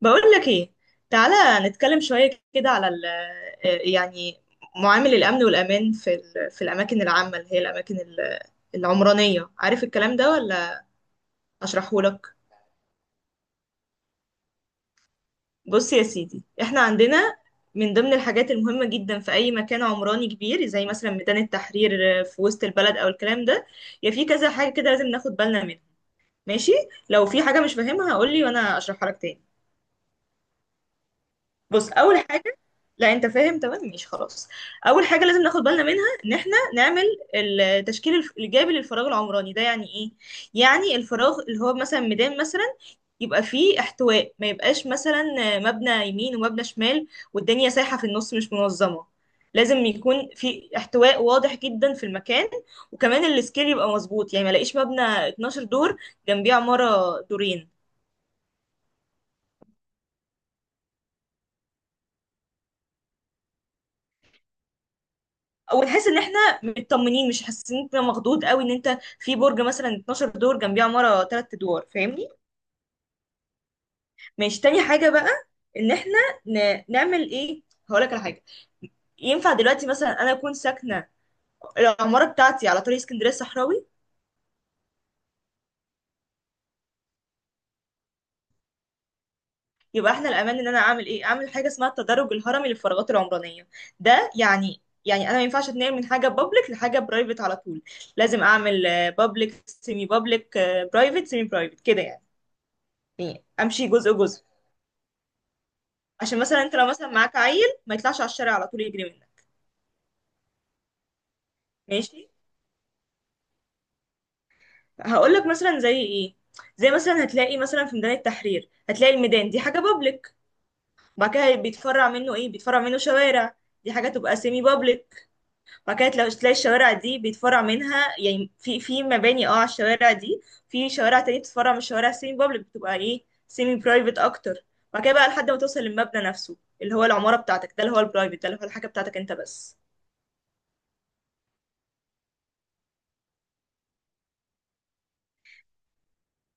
بقول لك ايه. تعالى نتكلم شوية كده على ال آه، يعني معامل الأمن والأمان في الأماكن العامة اللي هي العمرانية. عارف الكلام ده ولا أشرحه لك؟ بص يا سيدي، احنا عندنا من ضمن الحاجات المهمة جدا في أي مكان عمراني كبير، زي مثلا ميدان التحرير في وسط البلد أو الكلام ده، يا في كذا حاجة كده لازم ناخد بالنا منها. ماشي، لو في حاجة مش فاهمها قولي وأنا أشرحها لك تاني. بص، اول حاجه، لا انت فاهم تمام، ماشي خلاص. اول حاجه لازم ناخد بالنا منها ان احنا نعمل التشكيل الايجابي للفراغ العمراني ده. يعني ايه؟ يعني الفراغ اللي هو مثلا ميدان مثلا، يبقى فيه احتواء، ما يبقاش مثلا مبنى يمين ومبنى شمال والدنيا سايحه في النص، مش منظمه. لازم يكون في احتواء واضح جدا في المكان، وكمان السكيل يبقى مظبوط، يعني ما الاقيش مبنى 12 دور جنبيه عماره دورين. ونحس ان احنا مطمنين، مش حاسين ان إنت مخضوض قوي ان انت في برج مثلا 12 دور جنبيه عماره 3 ادوار. فاهمني؟ ماشي، تاني حاجه بقى، ان احنا نعمل ايه؟ هقول لك على حاجه. ينفع دلوقتي مثلا انا اكون ساكنه العماره بتاعتي على طريق اسكندريه الصحراوي؟ يبقى احنا الامان ان انا اعمل ايه؟ اعمل حاجه اسمها التدرج الهرمي للفراغات العمرانيه. ده يعني انا ما ينفعش اتنقل من حاجه بابليك لحاجه برايفت على طول. لازم اعمل بابليك، سيمي بابليك، برايفت، سيمي برايفت، كده يعني. يعني امشي جزء جزء، عشان مثلا انت لو مثلا معاك عيل ما يطلعش على الشارع على طول يجري منك. ماشي، هقول لك مثلا زي ايه. زي مثلا هتلاقي مثلا في ميدان التحرير، هتلاقي الميدان دي حاجه بابليك، وبعد كده بيتفرع منه ايه؟ بيتفرع منه شوارع. دي حاجه تبقى سيمي بابليك. وبعد كده تلاقي الشوارع دي بيتفرع منها يعني في مباني اه على الشوارع دي، في شوارع تانية بتتفرع من الشوارع سيمي بابليك، بتبقى ايه؟ سيمي برايفت اكتر. وبعد كده بقى لحد ما توصل للمبنى نفسه، اللي هو العماره بتاعتك، ده اللي هو البرايفت، ده اللي هو الحاجه بتاعتك انت بس.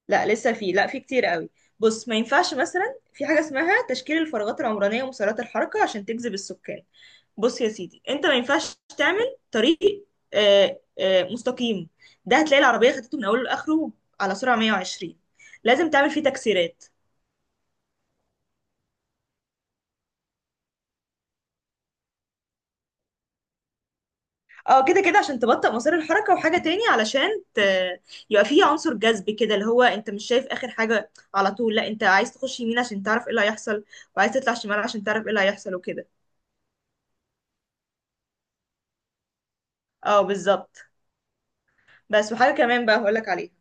لا لسه في، لا في كتير قوي. بص، ما ينفعش مثلا، في حاجة اسمها تشكيل الفراغات العمرانية ومسارات الحركة عشان تجذب السكان. بص يا سيدي، انت ما ينفعش تعمل طريق مستقيم. ده هتلاقي العربية خدته من اوله لاخره على سرعة 120. لازم تعمل فيه تكسيرات. اه، كده كده عشان تبطئ مسار الحركة، وحاجة تاني علشان ت... يبقى فيه عنصر جذب كده، اللي هو انت مش شايف اخر حاجة على طول، لا انت عايز تخش يمين عشان تعرف ايه اللي هيحصل، وعايز تطلع شمال عشان تعرف ايه اللي هيحصل، وكده. اه بالظبط. بس وحاجة كمان بقى هقولك عليها.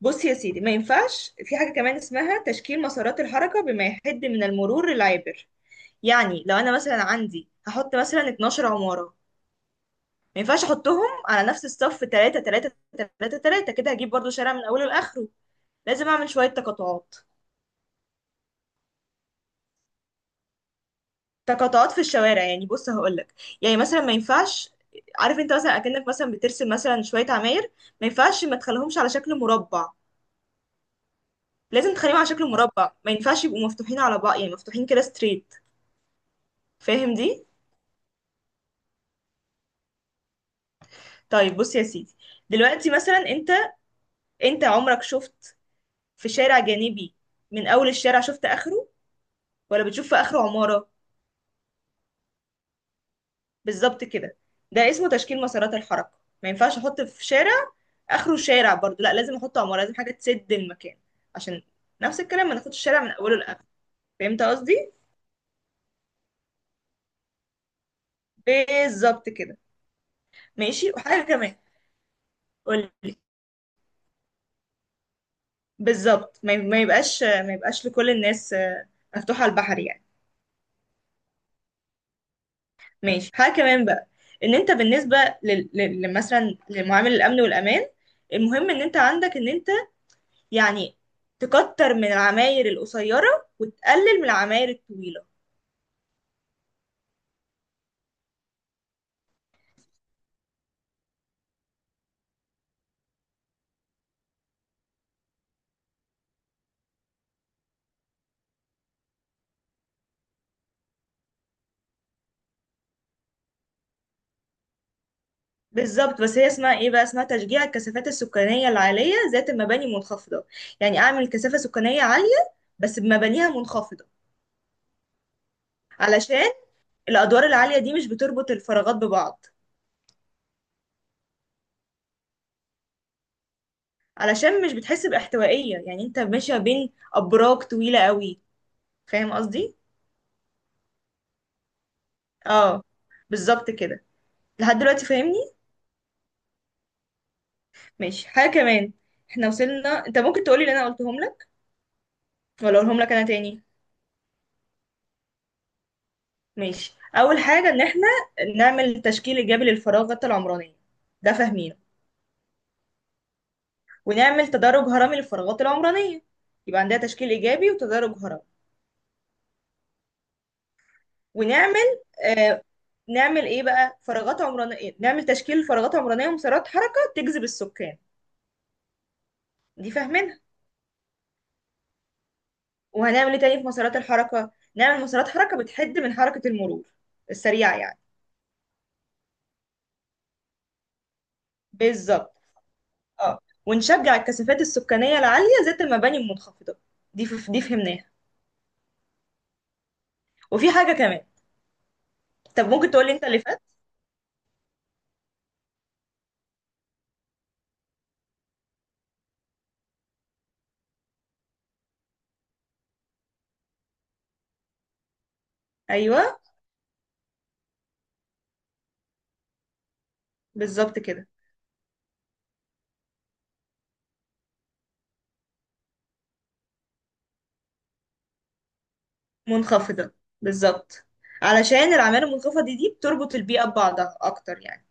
بص يا سيدي، ما ينفعش، في حاجة كمان اسمها تشكيل مسارات الحركة بما يحد من المرور العابر. يعني لو أنا مثلا عندي هحط مثلا 12 عمارة، ما ينفعش أحطهم على نفس الصف 3 3 3 3، كده هجيب برضو شارع من أوله لآخره. لازم أعمل شوية تقاطعات. تقاطعات في الشوارع، يعني بص هقولك، يعني مثلا ما ينفعش، عارف انت مثلا اكنك مثلا بترسم مثلا شويه عماير، ما ينفعش ما تخليهمش على شكل مربع. لازم تخليهم على شكل مربع، ما ينفعش يبقوا مفتوحين على بعض يعني مفتوحين كده ستريت. فاهم دي؟ طيب بص يا سيدي، دلوقتي مثلا انت، انت عمرك شفت في شارع جانبي من اول الشارع شفت اخره، ولا بتشوف في اخره عمارة؟ بالظبط كده. ده اسمه تشكيل مسارات الحركة. ما ينفعش احط في شارع اخره شارع برضو، لا لازم احط عمارة، لازم حاجة تسد المكان، عشان نفس الكلام ما ناخدش الشارع من اوله لاخره. فهمت قصدي؟ بالظبط كده. ماشي، وحاجة كمان. قولي، بالظبط ما يبقاش، ما يبقاش لكل الناس، مفتوح على البحر يعني. ماشي، حاجة كمان بقى، ان انت بالنسبة مثلا لمعامل الامن والامان، المهم ان انت عندك ان انت يعني تكتر من العماير القصيرة وتقلل من العماير الطويلة. بالظبط. بس هي اسمها ايه بقى؟ اسمها تشجيع الكثافات السكانية العالية ذات المباني المنخفضة. يعني اعمل كثافة سكانية عالية بس بمبانيها منخفضة، علشان الادوار العالية دي مش بتربط الفراغات ببعض، علشان مش بتحس باحتوائية، يعني انت ماشية بين ابراج طويلة قوي. فاهم قصدي؟ اه بالظبط كده. لحد دلوقتي فاهمني؟ ماشي، حاجة كمان. احنا وصلنا، انت ممكن تقولي اللي انا قلتهم لك، ولا اقولهم لك انا تاني؟ ماشي، اول حاجة ان احنا نعمل تشكيل ايجابي للفراغات العمرانية، ده فاهمينه. ونعمل تدرج هرمي للفراغات العمرانية، يبقى عندها تشكيل ايجابي وتدرج هرمي. ونعمل، آه، نعمل ايه بقى؟ فراغات عمرانية، نعمل تشكيل فراغات عمرانية ومسارات حركة تجذب السكان، دي فاهمينها. وهنعمل ايه تاني في مسارات الحركة؟ نعمل مسارات حركة بتحد من حركة المرور السريعة يعني. بالظبط. اه، ونشجع الكثافات السكانية العالية ذات المباني المنخفضة، دي فهمناها. وفي حاجة كمان. طب ممكن تقولي انت اللي فات. ايوه بالظبط كده. منخفضة، بالظبط، علشان الأعمال المنخفضة دي بتربط البيئة ببعضها أكتر يعني.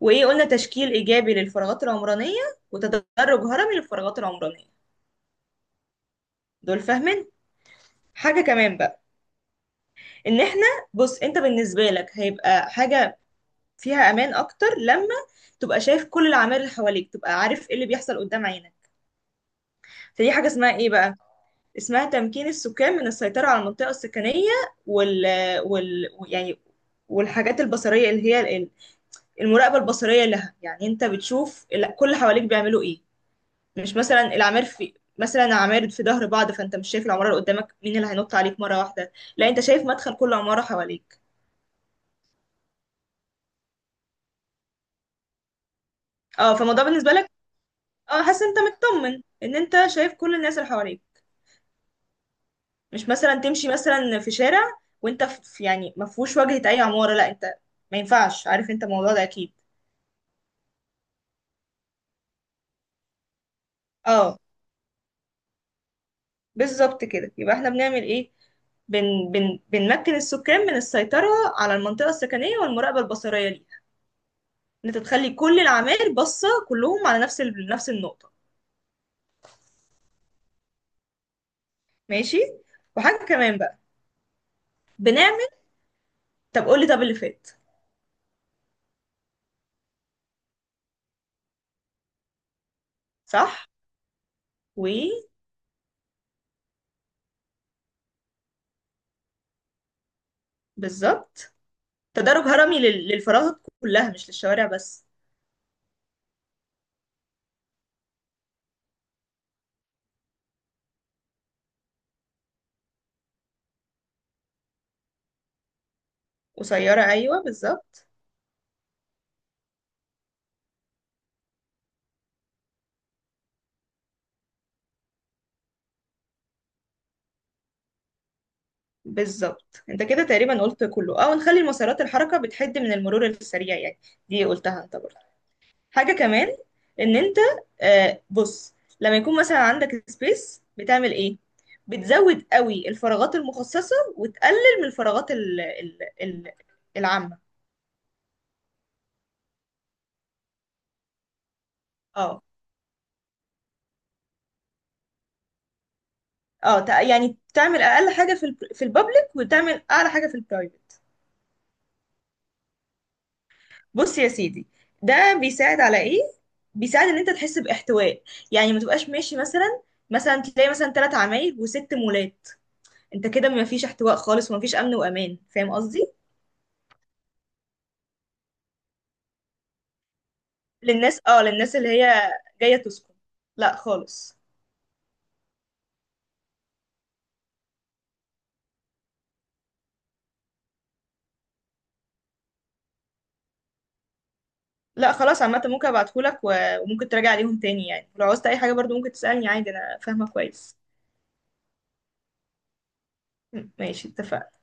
وإيه قلنا؟ تشكيل إيجابي للفراغات العمرانية، وتدرج هرمي للفراغات العمرانية. دول فاهمين. حاجة كمان بقى، ان احنا، بص انت بالنسبه لك هيبقى حاجه فيها امان اكتر لما تبقى شايف كل العوامل اللي حواليك، تبقى عارف ايه اللي بيحصل قدام عينك. فدي حاجه اسمها ايه بقى؟ اسمها تمكين السكان من السيطره على المنطقه السكنيه، وال وال يعني والحاجات البصريه اللي هي المراقبه البصريه لها. يعني انت بتشوف كل حواليك بيعملوا ايه، مش مثلا العمار في مثلا عمار في ظهر بعض فانت مش شايف العماره اللي قدامك مين اللي هينط عليك مره واحده. لا انت شايف مدخل كل عماره حواليك. اه، فالموضوع بالنسبه لك، اه، حاسس انت مطمن ان انت شايف كل الناس اللي حواليك. مش مثلا تمشي مثلا في شارع وانت يعني ما فيهوش واجهة اي عمارة، لا انت، ما ينفعش. عارف انت الموضوع ده اكيد. اه بالظبط كده. يبقى احنا بنعمل ايه؟ بن بن بنمكن السكان من السيطرة على المنطقة السكنية والمراقبة البصرية ليها، ان انت تخلي كل العماير باصة كلهم على نفس نفس النقطة. ماشي، وحاجة كمان بقى بنعمل. طب قولي طب اللي فات. صح. وبالظبط. تدرج هرمي للفراغات كلها مش للشوارع بس. قصيرة، أيوة بالظبط. بالظبط، انت كده تقريبا قلت كله، او نخلي مسارات الحركة بتحد من المرور السريع يعني. دي قلتها انت برضه. حاجة كمان، ان انت، آه بص، لما يكون مثلا عندك سبيس، بتعمل ايه؟ بتزود قوي الفراغات المخصصة وتقلل من الفراغات ال ال ال العامة. اه اه، يعني تعمل اقل حاجة في البابليك وتعمل اعلى حاجة في البرايفت. بص يا سيدي، ده بيساعد على ايه؟ بيساعد ان انت تحس باحتواء، يعني ما تبقاش ماشي مثلا، مثلا تلاقي مثلا ثلاث عمايل وست مولات، انت كده ما فيش احتواء خالص وما فيش امن وامان. فاهم قصدي؟ للناس، اه، للناس اللي هي جايه تسكن، لا خالص. لا خلاص، عامه ممكن ابعتهولك و- وممكن تراجع عليهم تاني يعني، لو عاوزت اي حاجه برضو ممكن تسالني عادي، انا فاهمه كويس. ماشي، اتفقنا.